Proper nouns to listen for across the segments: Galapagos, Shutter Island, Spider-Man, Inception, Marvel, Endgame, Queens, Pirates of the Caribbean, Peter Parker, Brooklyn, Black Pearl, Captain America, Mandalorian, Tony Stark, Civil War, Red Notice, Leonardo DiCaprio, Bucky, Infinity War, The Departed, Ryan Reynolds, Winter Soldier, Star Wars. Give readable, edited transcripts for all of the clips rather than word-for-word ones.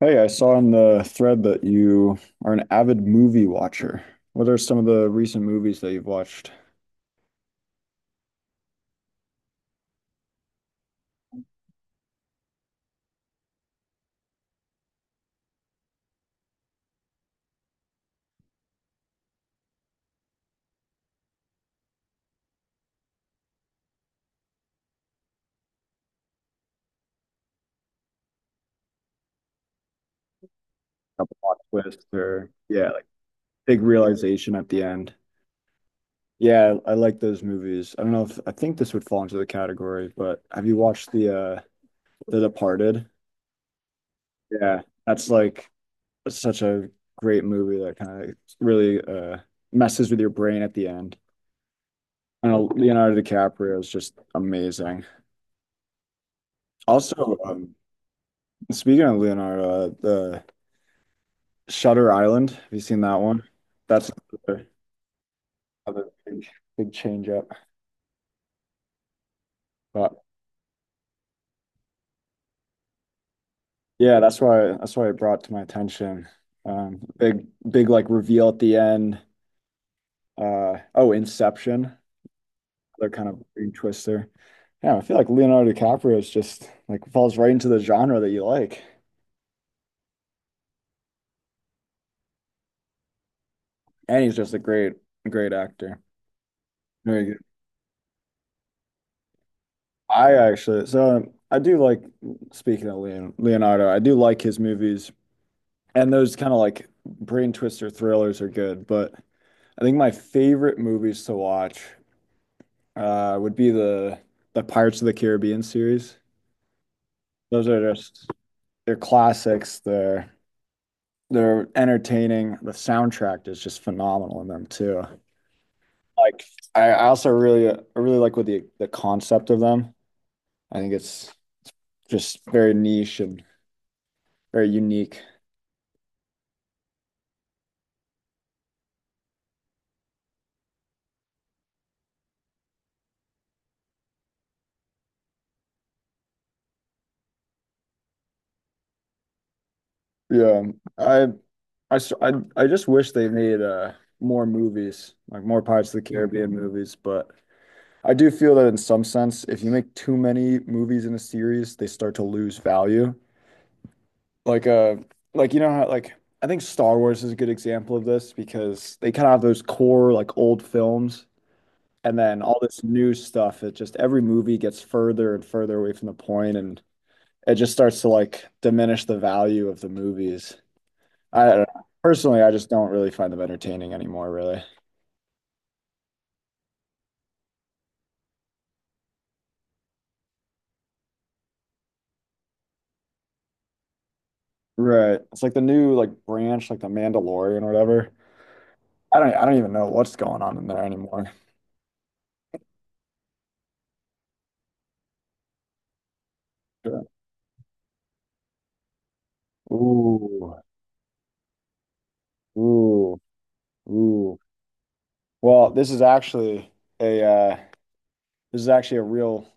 Hey, I saw in the thread that you are an avid movie watcher. What are some of the recent movies that you've watched? A plot twist or yeah, like big realization at the end. Yeah, I like those movies. I don't know if I think this would fall into the category, but have you watched the The Departed? Yeah, that's like such a great movie that kind of really messes with your brain at the end. And Leonardo DiCaprio is just amazing. Also, speaking of Leonardo, the Shutter Island. Have you seen that one? That's another, another big change up. But yeah, that's why it brought to my attention. Big like reveal at the end. Oh, Inception. They're kind of brain twister. Yeah, I feel like Leonardo DiCaprio is just like falls right into the genre that you like, and he's just a great actor. Very good. I actually so I do like speaking of Leon, Leonardo. I do like his movies. And those kind of like brain twister thrillers are good, but I think my favorite movies to watch would be the Pirates of the Caribbean series. Those are just they're classics. They're entertaining. The soundtrack is just phenomenal in them too. Like I also really I really like with the concept of them. I think it's just very niche and very unique. Yeah, I, I just wish they made more movies, like more Pirates of the Caribbean movies. But I do feel that in some sense, if you make too many movies in a series, they start to lose value. Like uh, like you know how like I think Star Wars is a good example of this because they kind of have those core like old films, and then all this new stuff. It just every movie gets further and further away from the point, and it just starts to like diminish the value of the movies. I don't know. Personally, I just don't really find them entertaining anymore, really. Right. It's like the new like branch, like the Mandalorian or whatever. I don't even know what's going on in there anymore. Sure. Ooh. Ooh. Ooh. Well, this is actually a this is actually a real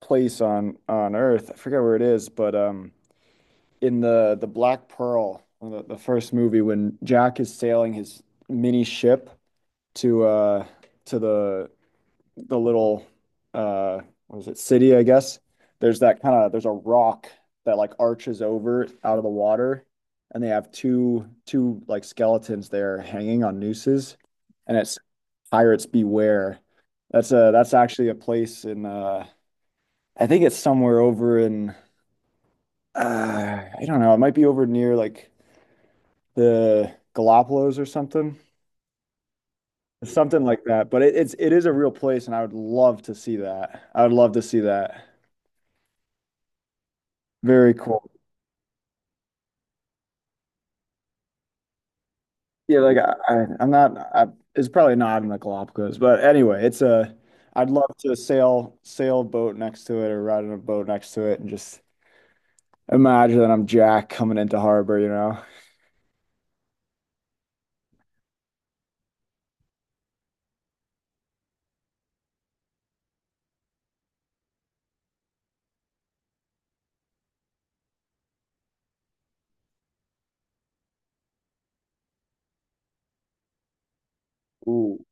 place on Earth. I forget where it is, but in the Black Pearl, the first movie when Jack is sailing his mini ship to uh to the little uh what is it city I guess there's that kind of there's a rock that like arches over out of the water and they have two like skeletons there hanging on nooses and it's pirates beware that's a that's actually a place in I think it's somewhere over in I don't know it might be over near like the Galapagos or something something like that but it, it's it is a real place and I would love to see that I would love to see that very cool. Yeah, like I, I, it's probably not in the Galapagos, but anyway, it's a I'd love to sail a boat next to it or ride in a boat next to it and just imagine that I'm Jack coming into harbor, you know. Ooh.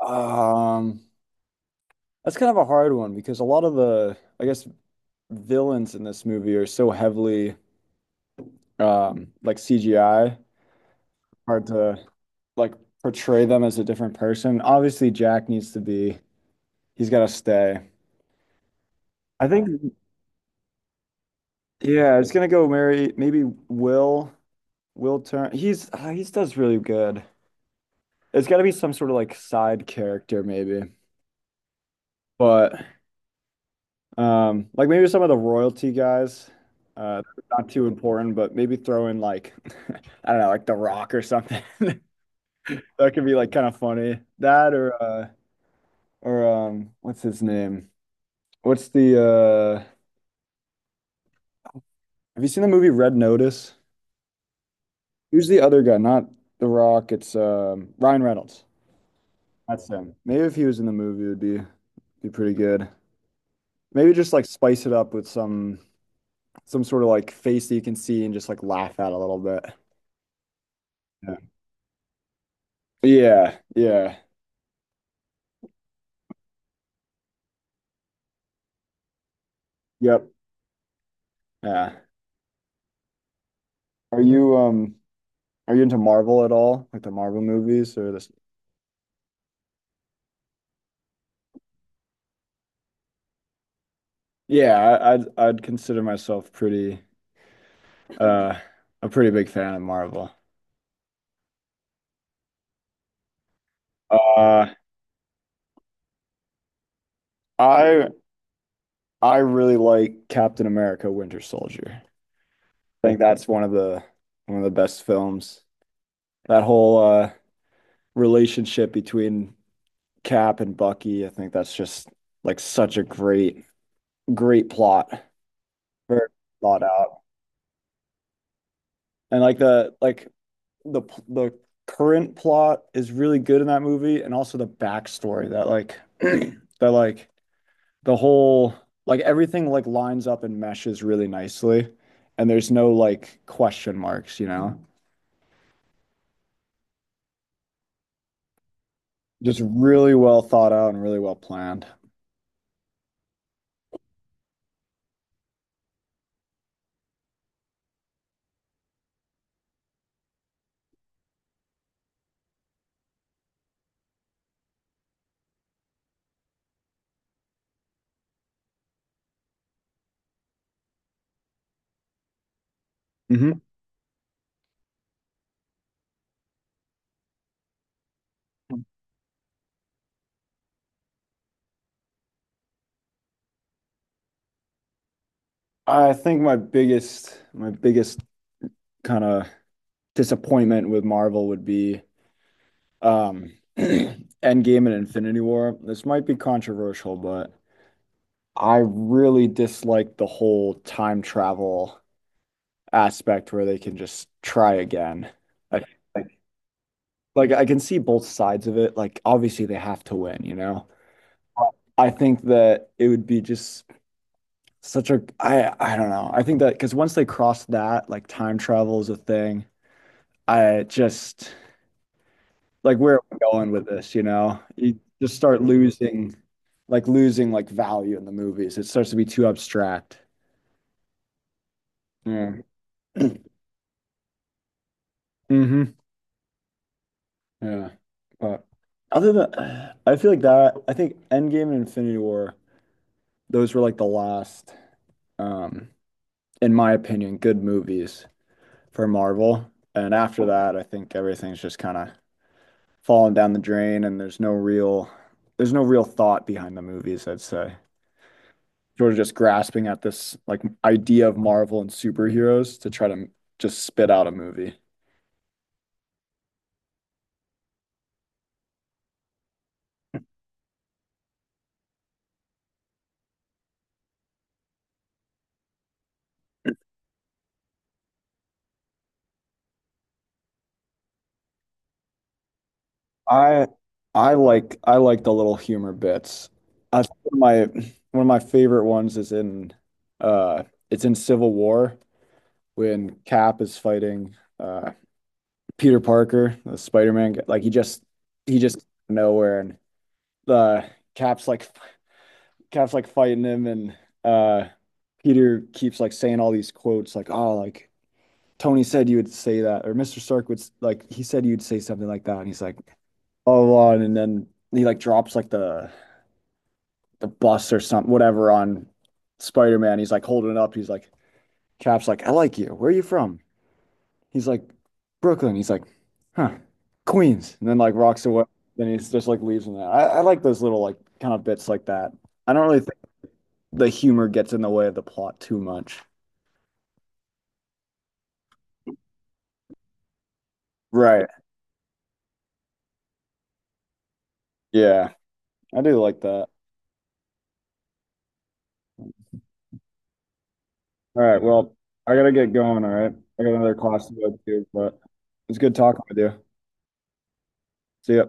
Um, that's kind of a hard one because a lot of the I guess villains in this movie are so heavily like CGI, hard to like portray them as a different person. Obviously Jack needs to be he's got to stay. I think, yeah, it's gonna go Mary. Maybe Will turn. He's does really good. It's got to be some sort of like side character, maybe. But like maybe some of the royalty guys. Uh, not too important, but maybe throw in like I don't know, like The Rock or something. That could be like kind of funny. That or what's his name? What's the? Have you seen the movie Red Notice? Who's the other guy? Not The Rock. It's Ryan Reynolds. That's him. Maybe if he was in the movie, it would be pretty good. Maybe just like spice it up with some sort of like face that you can see and just like laugh at a little bit. Yeah. Yeah. Yeah. Yep. Yeah. Are you um are you into Marvel at all? Like the Marvel movies or this? Yeah, I, I'd consider myself pretty uh a pretty big fan of Marvel. Uh I I really like Captain America Winter Soldier. I think that's one of the best films. That whole relationship between Cap and Bucky, I think that's just like such a great, great plot. Very thought out. And like the the current plot is really good in that movie and also the backstory that like that like the whole like everything like lines up and meshes really nicely and there's no like question marks, you know. Just really well thought out and really well planned. Mhm. I think my biggest kind of disappointment with Marvel would be Endgame and Infinity War. This might be controversial, but I really dislike the whole time travel aspect where they can just try again. I, like, like I can see both sides of it. Like obviously they have to win, you know. I think that it would be just such a I don't know. I think that because once they cross that, like time travel is a thing. I just like where are we going with this, you know? You just start losing like value in the movies. It starts to be too abstract. Yeah. Hmm. Yeah. But other than I feel like that, I think Endgame and Infinity War, those were like the last, um, in my opinion, good movies for Marvel. And after that, I think everything's just kind of falling down the drain and there's no real thought behind the movies, I'd say. Sort of just grasping at this like idea of Marvel and superheroes to try to just spit out a movie. I I like I like the little humor bits. I think one of my favorite ones is in uh it's in Civil War when Cap is fighting Peter Parker, the Spider-Man guy. Like he just nowhere and the Cap's like Cap's like fighting him and uh Peter keeps like saying all these quotes like oh like Tony said you would say that, or Mr. Stark would like he said you'd say something like that, and he's like, oh, blah, blah," and then he like drops like the bus or something, whatever on Spider-Man. He's like holding it up. He's like, Cap's like, I like you. Where are you from? He's like, Brooklyn. He's like, huh, Queens. And then like rocks away. Then he's just like leaves and that. I like those little like kind of bits like that. I don't really think the humor gets in the way of the plot too much. Right. Yeah. I do like that. All right, well, I gotta get going, all right? I got another class to go to, but it's good talking with you. See ya.